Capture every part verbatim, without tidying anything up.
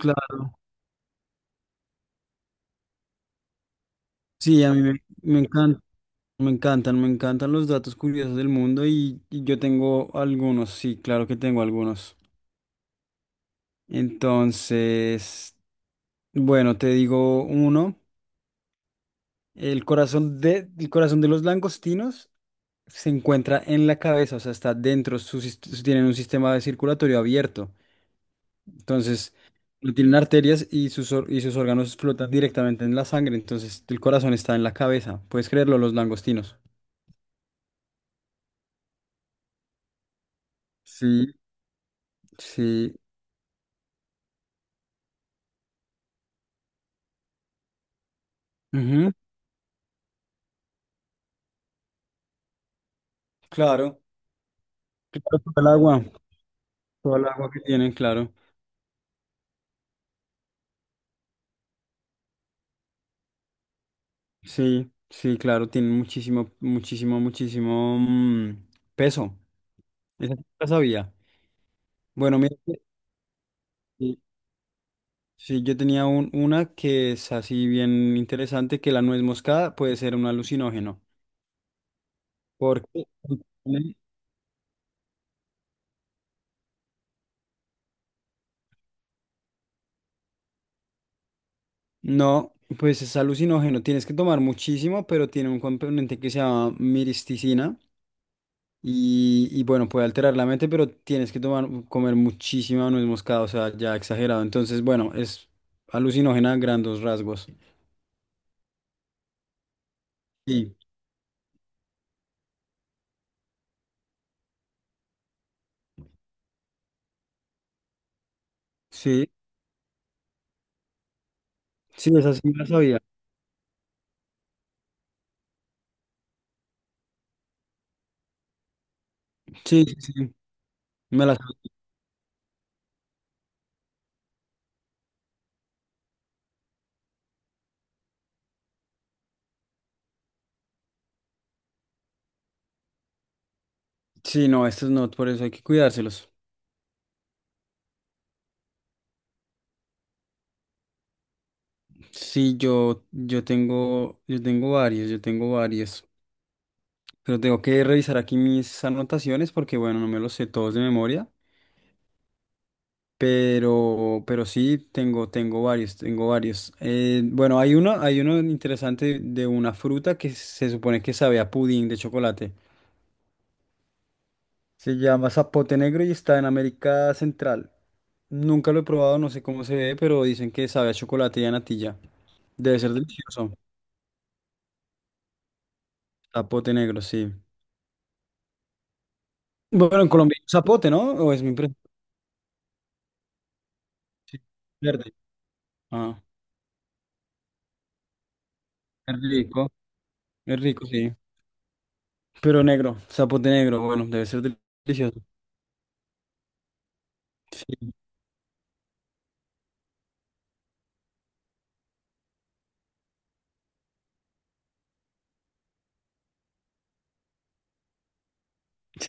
Claro, sí, a mí me, me encantan, me encantan, me encantan los datos curiosos del mundo y, y yo tengo algunos, sí, claro que tengo algunos. Entonces, bueno, te digo uno, el corazón de, el corazón de los langostinos se encuentra en la cabeza, o sea, está dentro, su sist- tienen un sistema de circulatorio abierto. Entonces, no tienen arterias y sus, or- y sus órganos flotan directamente en la sangre, entonces el corazón está en la cabeza, puedes creerlo, los langostinos. Sí, sí. Ujú. Claro, claro, todo el agua, todo el agua que tienen, claro. Sí, sí, claro, tienen muchísimo, muchísimo, muchísimo mm, peso. Esa sí la sabía. Bueno, mira, que sí, sí, yo tenía un- una que es así bien interesante, que la nuez moscada puede ser un alucinógeno. Porque contiene- no, pues es alucinógeno, tienes que tomar muchísimo, pero tiene un componente que se llama miristicina. Y, y bueno, puede alterar la mente, pero tienes que tomar, comer muchísima nuez moscada, o sea, ya exagerado. Entonces, bueno, es alucinógena a grandes rasgos. Sí, sí, sí, esa sí me la sabía. Sí, sí, sí, me la sabía. Sí, no, estos no, por eso hay que cuidárselos. Sí, yo, yo tengo, yo tengo varios, yo tengo varios. Pero tengo que revisar aquí mis anotaciones porque, bueno, no me los sé todos de memoria. Pero, pero sí, tengo, tengo varios, tengo varios. Eh, bueno, hay uno, hay uno interesante de una fruta que se supone que sabe a pudín de chocolate. Se llama zapote negro y está en América Central. Nunca lo he probado, no sé cómo se ve, pero dicen que sabe a chocolate y a natilla. Debe ser delicioso. Zapote negro, sí. Bueno, en Colombia hay un zapote, ¿no? O es mi impresión. Sí, verde. Ah, es rico, es rico, sí. Pero negro, zapote negro, bueno, debe ser del- delicioso. Sí,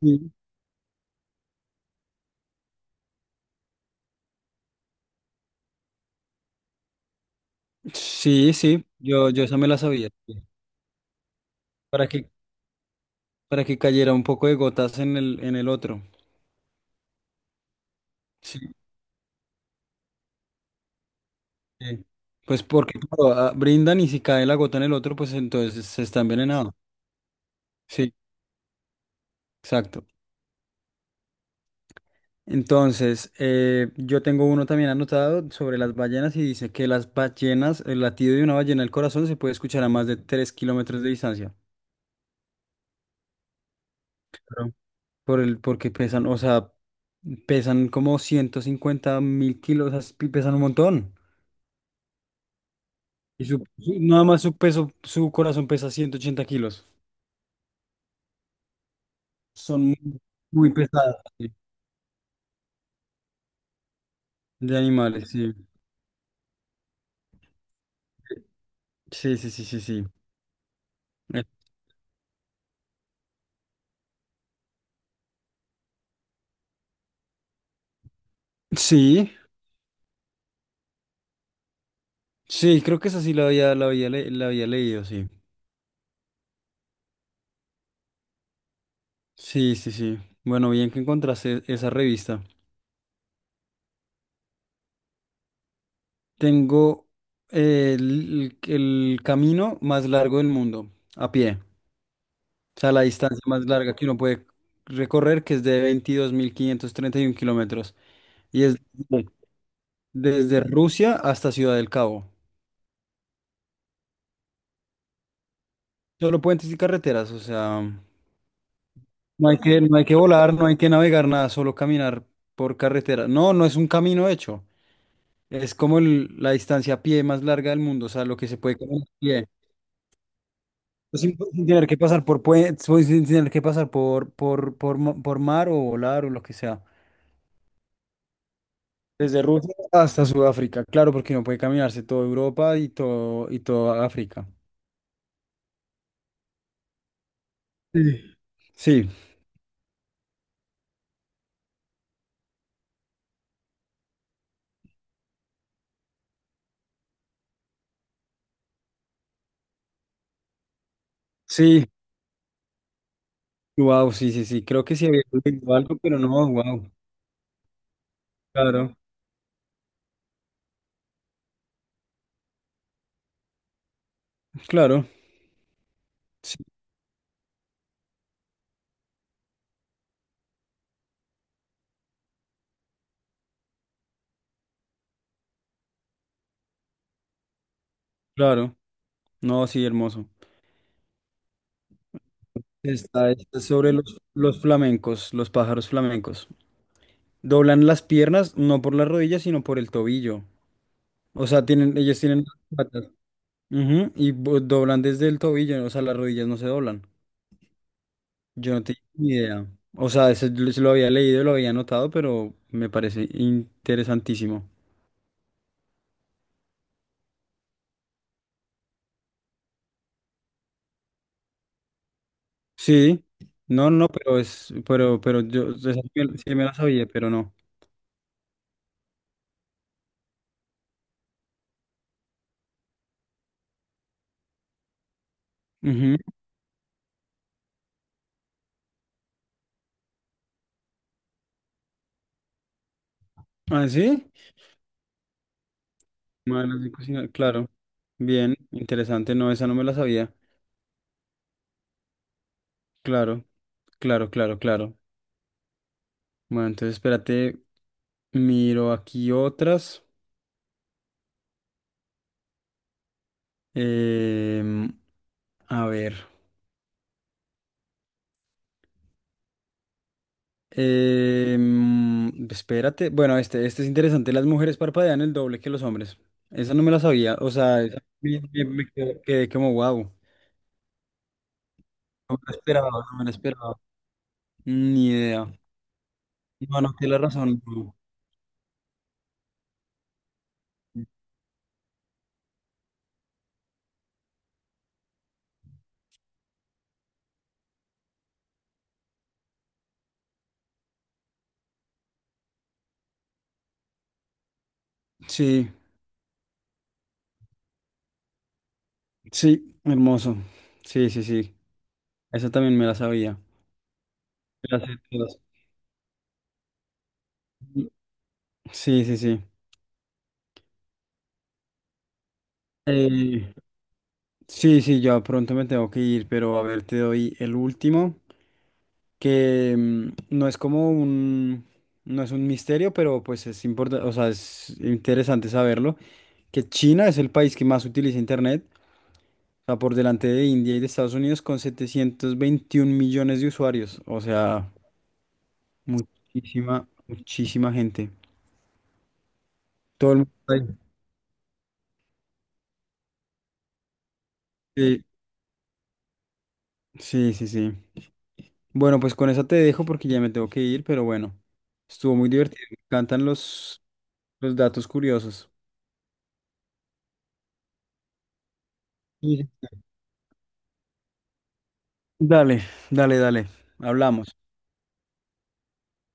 sí. Sí, sí, yo, yo esa me la sabía, sí. Para que, para que cayera un poco de gotas en el, en el otro. Sí. Sí. Pues porque claro, ah, brindan y si cae la gota en el otro, pues entonces se está envenenado. Sí, exacto. Entonces, eh, yo tengo uno también anotado sobre las ballenas y dice que las ballenas, el latido de una ballena al corazón se puede escuchar a más de tres kilómetros de distancia. Claro. Por el, porque pesan, o sea, pesan como ciento cincuenta mil kilos, o sea, pesan un montón. Y su, su- nada más su peso, su corazón pesa ciento ochenta kilos. Son muy, muy pesadas, sí, de animales, sí. Sí, sí, sí, sí, sí. Eh, Sí, sí, creo que esa sí la había, la había, le- la había leído, sí. Sí, sí, sí. Bueno, bien que encontraste esa revista. Tengo eh, el, el camino más largo del mundo, a pie. O sea, la distancia más larga que uno puede recorrer, que es de veintidós mil quinientos treinta y uno kilómetros. Y es... Desde Rusia hasta Ciudad del Cabo. Solo puentes y carreteras, o sea, no hay que, no hay que volar, no hay que navegar nada, solo caminar por carretera. No, no es un camino hecho. Es como el- la distancia a pie más larga del mundo, o sea, lo que se puede caminar a pie. Pues Sin, sin tener que pasar por puentes, sin tener que pasar por, por, por, mo- por mar o volar o lo que sea. Desde Rusia hasta Sudáfrica, claro, porque no puede caminarse toda Europa y todo, y toda África. Sí. Sí, sí. Wow, sí, sí, sí, creo que sí había leído algo, pero no, wow. Claro, claro, sí, claro. No, sí, hermoso. Está, está sobre los, los flamencos, los pájaros flamencos. Doblan las piernas, no por las rodillas, sino por el tobillo. O sea, tienen, ellos tienen las patas. Ujú, y bo- doblan desde el tobillo, o sea, las rodillas no se doblan. Yo no tenía ni idea. O sea, eso lo lo había leído, lo había notado, pero me parece interesantísimo. Sí, no, no, pero es, pero, pero yo, o sea, sí me sí me la sabía, pero no. Ujú. ¿Ah, sí? Manos de cocina, claro. Bien, interesante, no, esa no me la sabía. Claro, claro, claro, claro. Bueno, entonces espérate, miro aquí otras. Em, a ver. Em, espérate, bueno, este, este es interesante. Las mujeres parpadean el doble que los hombres. Esa no me la sabía, o sea, esa me, me- me quedé quedé como wow. No me la esperaba, no me la esperaba. Ni idea. Bueno, tiene razón, no. Sí, sí, hermoso. Sí, sí, sí. Esa también me la sabía. Me la sé todas. Sí, sí, sí. Eh, sí, sí, ya pronto me tengo que ir, pero a ver, te doy el último, que mm, no es como un, no es un misterio, pero pues es importante, o sea, es interesante saberlo, que China es el país que más utiliza Internet, o sea, por delante de India y de Estados Unidos con setecientos veintiún millones de usuarios, o sea, muchísima, muchísima gente. Todo el mundo está ahí. Sí, sí, sí, sí. Bueno, pues con esa te dejo porque ya me tengo que ir, pero bueno, estuvo muy divertido. Me encantan los, los datos curiosos. Sí. Dale, dale, dale. Hablamos.